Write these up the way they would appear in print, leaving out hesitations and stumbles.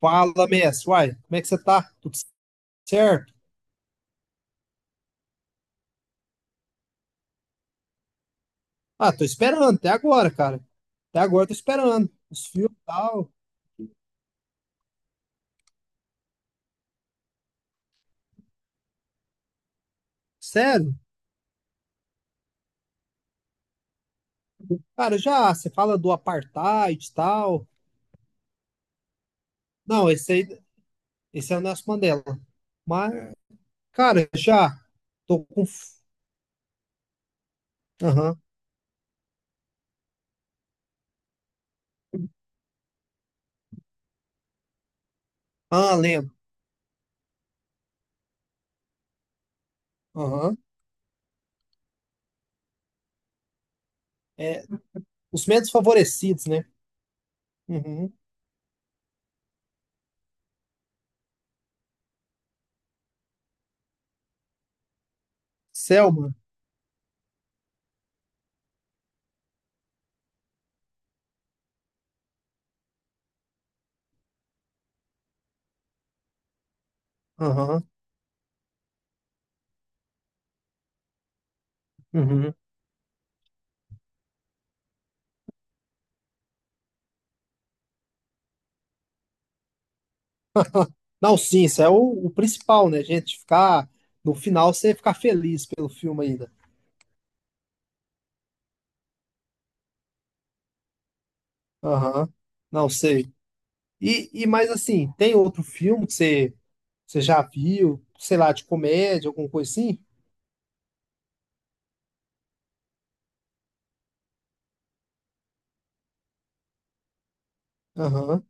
Fala, Messi. Uai, como é que você tá? Tudo certo? Ah, tô esperando até agora, cara. Até agora eu tô esperando. Os filmes e tal. Sério? Cara, já, você fala do apartheid e tal. Não, esse é o Nelson Mandela. Mas, cara, já tô com. F- Aham. Ah, lembro. Aham. É, os menos favorecidos, né? Uhum. Selma. Aham. Uhum. Não, sim, isso é o principal, né, gente? Ficar. No final, você ficar feliz pelo filme ainda. Aham. Não sei. E mais assim, tem outro filme que você já viu, sei lá, de comédia, alguma coisa assim? Aham,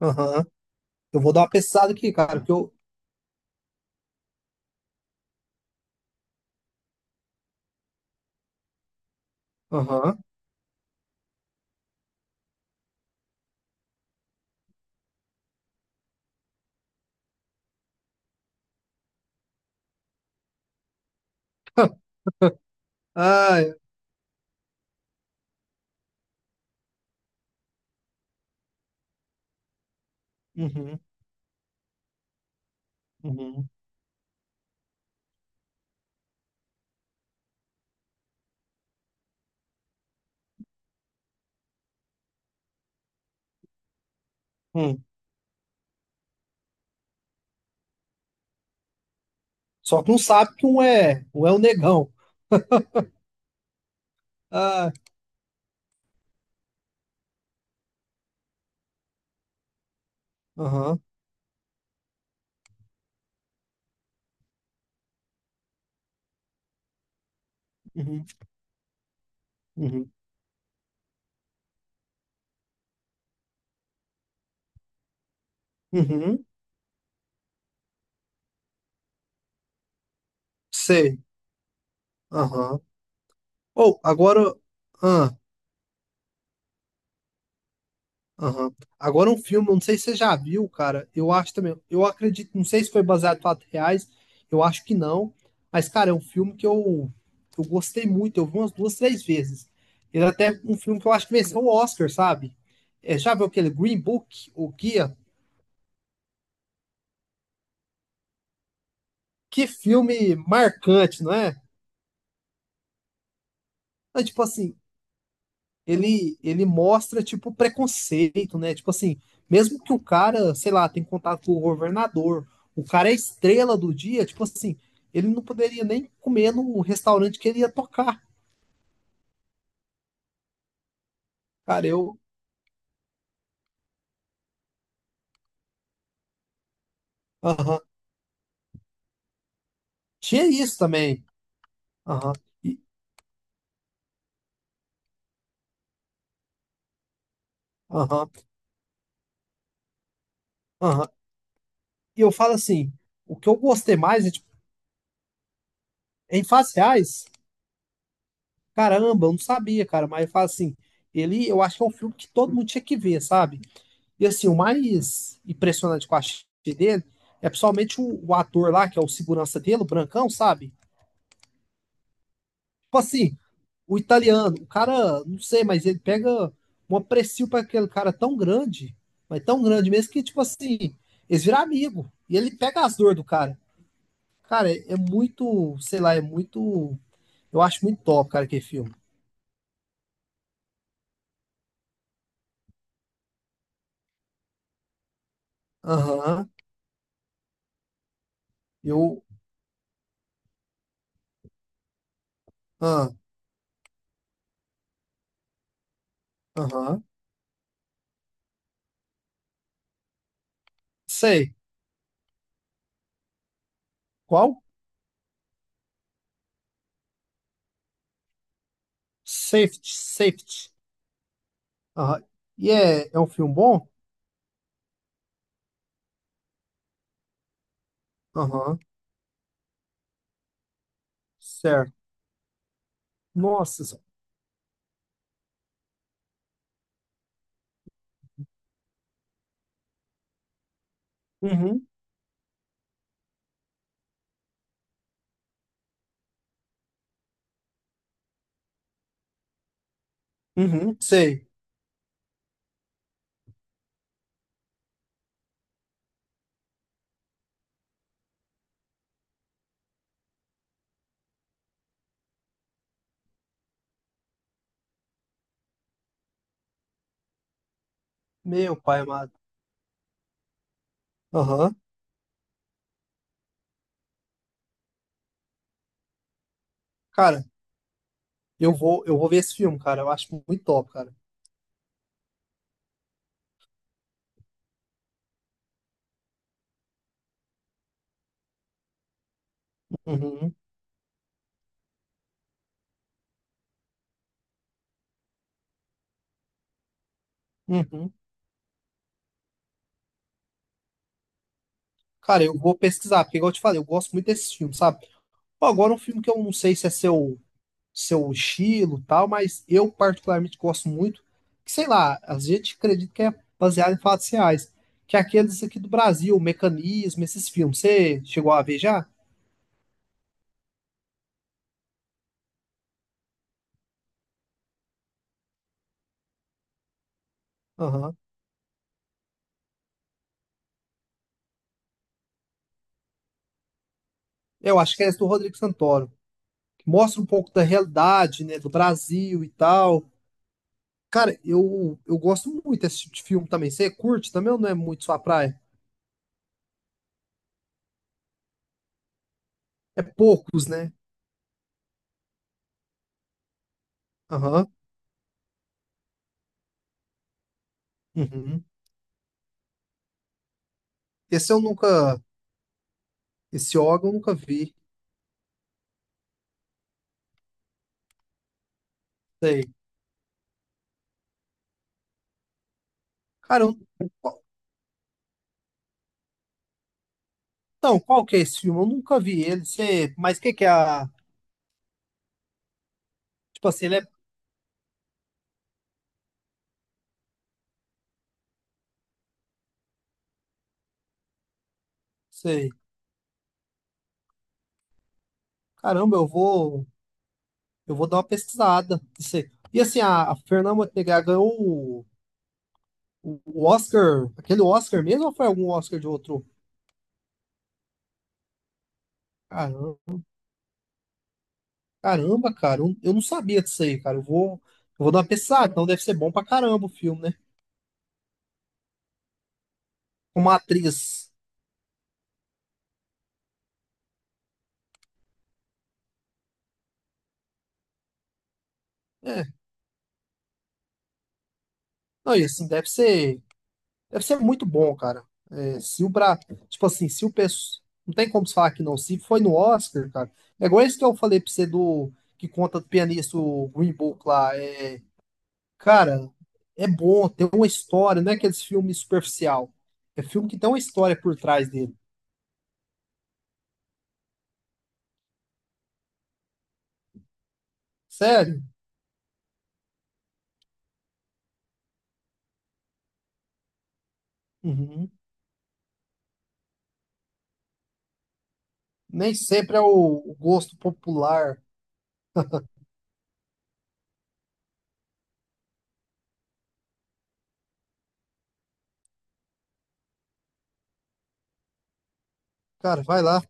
aham. Eu vou dar uma pesquisada aqui, cara, que eu. Aham. Ah, é. Uhum, uhum, hum. Só que não sabe que um é o negão. Ah, aham, uhum, uhum, uhum, sei. Aham. Ou, agora. Ah. Aham. Agora um filme, não sei se você já viu, cara. Eu acho também. Eu acredito, não sei se foi baseado em fatos reais, eu acho que não. Mas, cara, é um filme que eu gostei muito. Eu vi umas duas, três vezes. Ele é até um filme que eu acho que venceu o Oscar, sabe? É, já viu aquele Green Book, O Guia? Que filme marcante, não é? É, tipo assim, ele mostra, tipo, preconceito, né? Tipo assim, mesmo que o cara, sei lá, tem contato com o governador, o cara é estrela do dia, tipo assim, ele não poderia nem comer no restaurante que ele ia tocar. Cara, eu. Aham. Tinha isso também. Aham. E, aham. Aham. E eu falo assim, o que eu gostei mais é, tipo, em fases reais, caramba, eu não sabia, cara, mas eu falo assim, ele, eu acho que é um filme que todo mundo tinha que ver, sabe? E assim, o mais impressionante que eu achei dele é principalmente o ator lá, que é o segurança dele, o Brancão, sabe? Tipo assim, o italiano, o cara, não sei, mas ele pega um aprecio para aquele cara tão grande, mas tão grande mesmo que, tipo assim, eles viram amigo. E ele pega as dores do cara. Cara, é muito, sei lá, é muito. Eu acho muito top, cara, aquele filme. Aham, eu. Ah, aham, sei. Qual? Safety, Safety. Aham. É um filme bom? Aham, certo. Nossa, senhora. Uhum, uhum, sei. Meu pai amado. Aham. Cara, eu vou ver esse filme, cara. Eu acho muito top, cara. Uhum, uhum. Cara, eu vou pesquisar, porque igual eu te falei, eu gosto muito desse filme, sabe? Pô, agora um filme que eu não sei se é seu estilo, e tal, mas eu particularmente gosto muito, que sei lá, a gente acredita que é baseado em fatos reais, que é aqueles aqui do Brasil, o Mecanismo, esses filmes. Você chegou a ver já? Aham. Eu acho que é esse do Rodrigo Santoro. Mostra um pouco da realidade, né, do Brasil e tal. Cara, eu gosto muito desse tipo de filme também. Você curte também ou não é muito sua praia? É poucos, né? Aham. Uhum. Esse eu nunca. Esse órgão eu nunca vi. Sei. Cara, eu, qual- então, qual que é esse filme? Eu nunca vi ele. Sei, mas o que que é a. Tipo assim, ele é. Sei. Caramba, eu vou. Eu vou dar uma pesquisada. Sei. E assim, a Fernanda Montenegro ganhou o Oscar. Aquele Oscar mesmo ou foi algum Oscar de outro? Caramba. Caramba, cara, eu não sabia disso aí, cara. Eu vou dar uma pensada, então deve ser bom pra caramba o filme, né? Uma atriz. É, não, e assim, deve ser muito bom, cara. É, se o pra, tipo assim, se o pessoal. Não tem como se falar que não. Se foi no Oscar, cara. É igual esse que eu falei pra você do. Que conta do pianista, o Green Book lá. É, cara, é bom, tem uma história, não é aqueles filmes superficial. É filme que tem uma história por trás dele. Sério? Uhum. Nem sempre é o gosto popular. Cara, vai lá.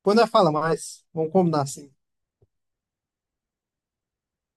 Depois nós fala mais. Vamos combinar assim.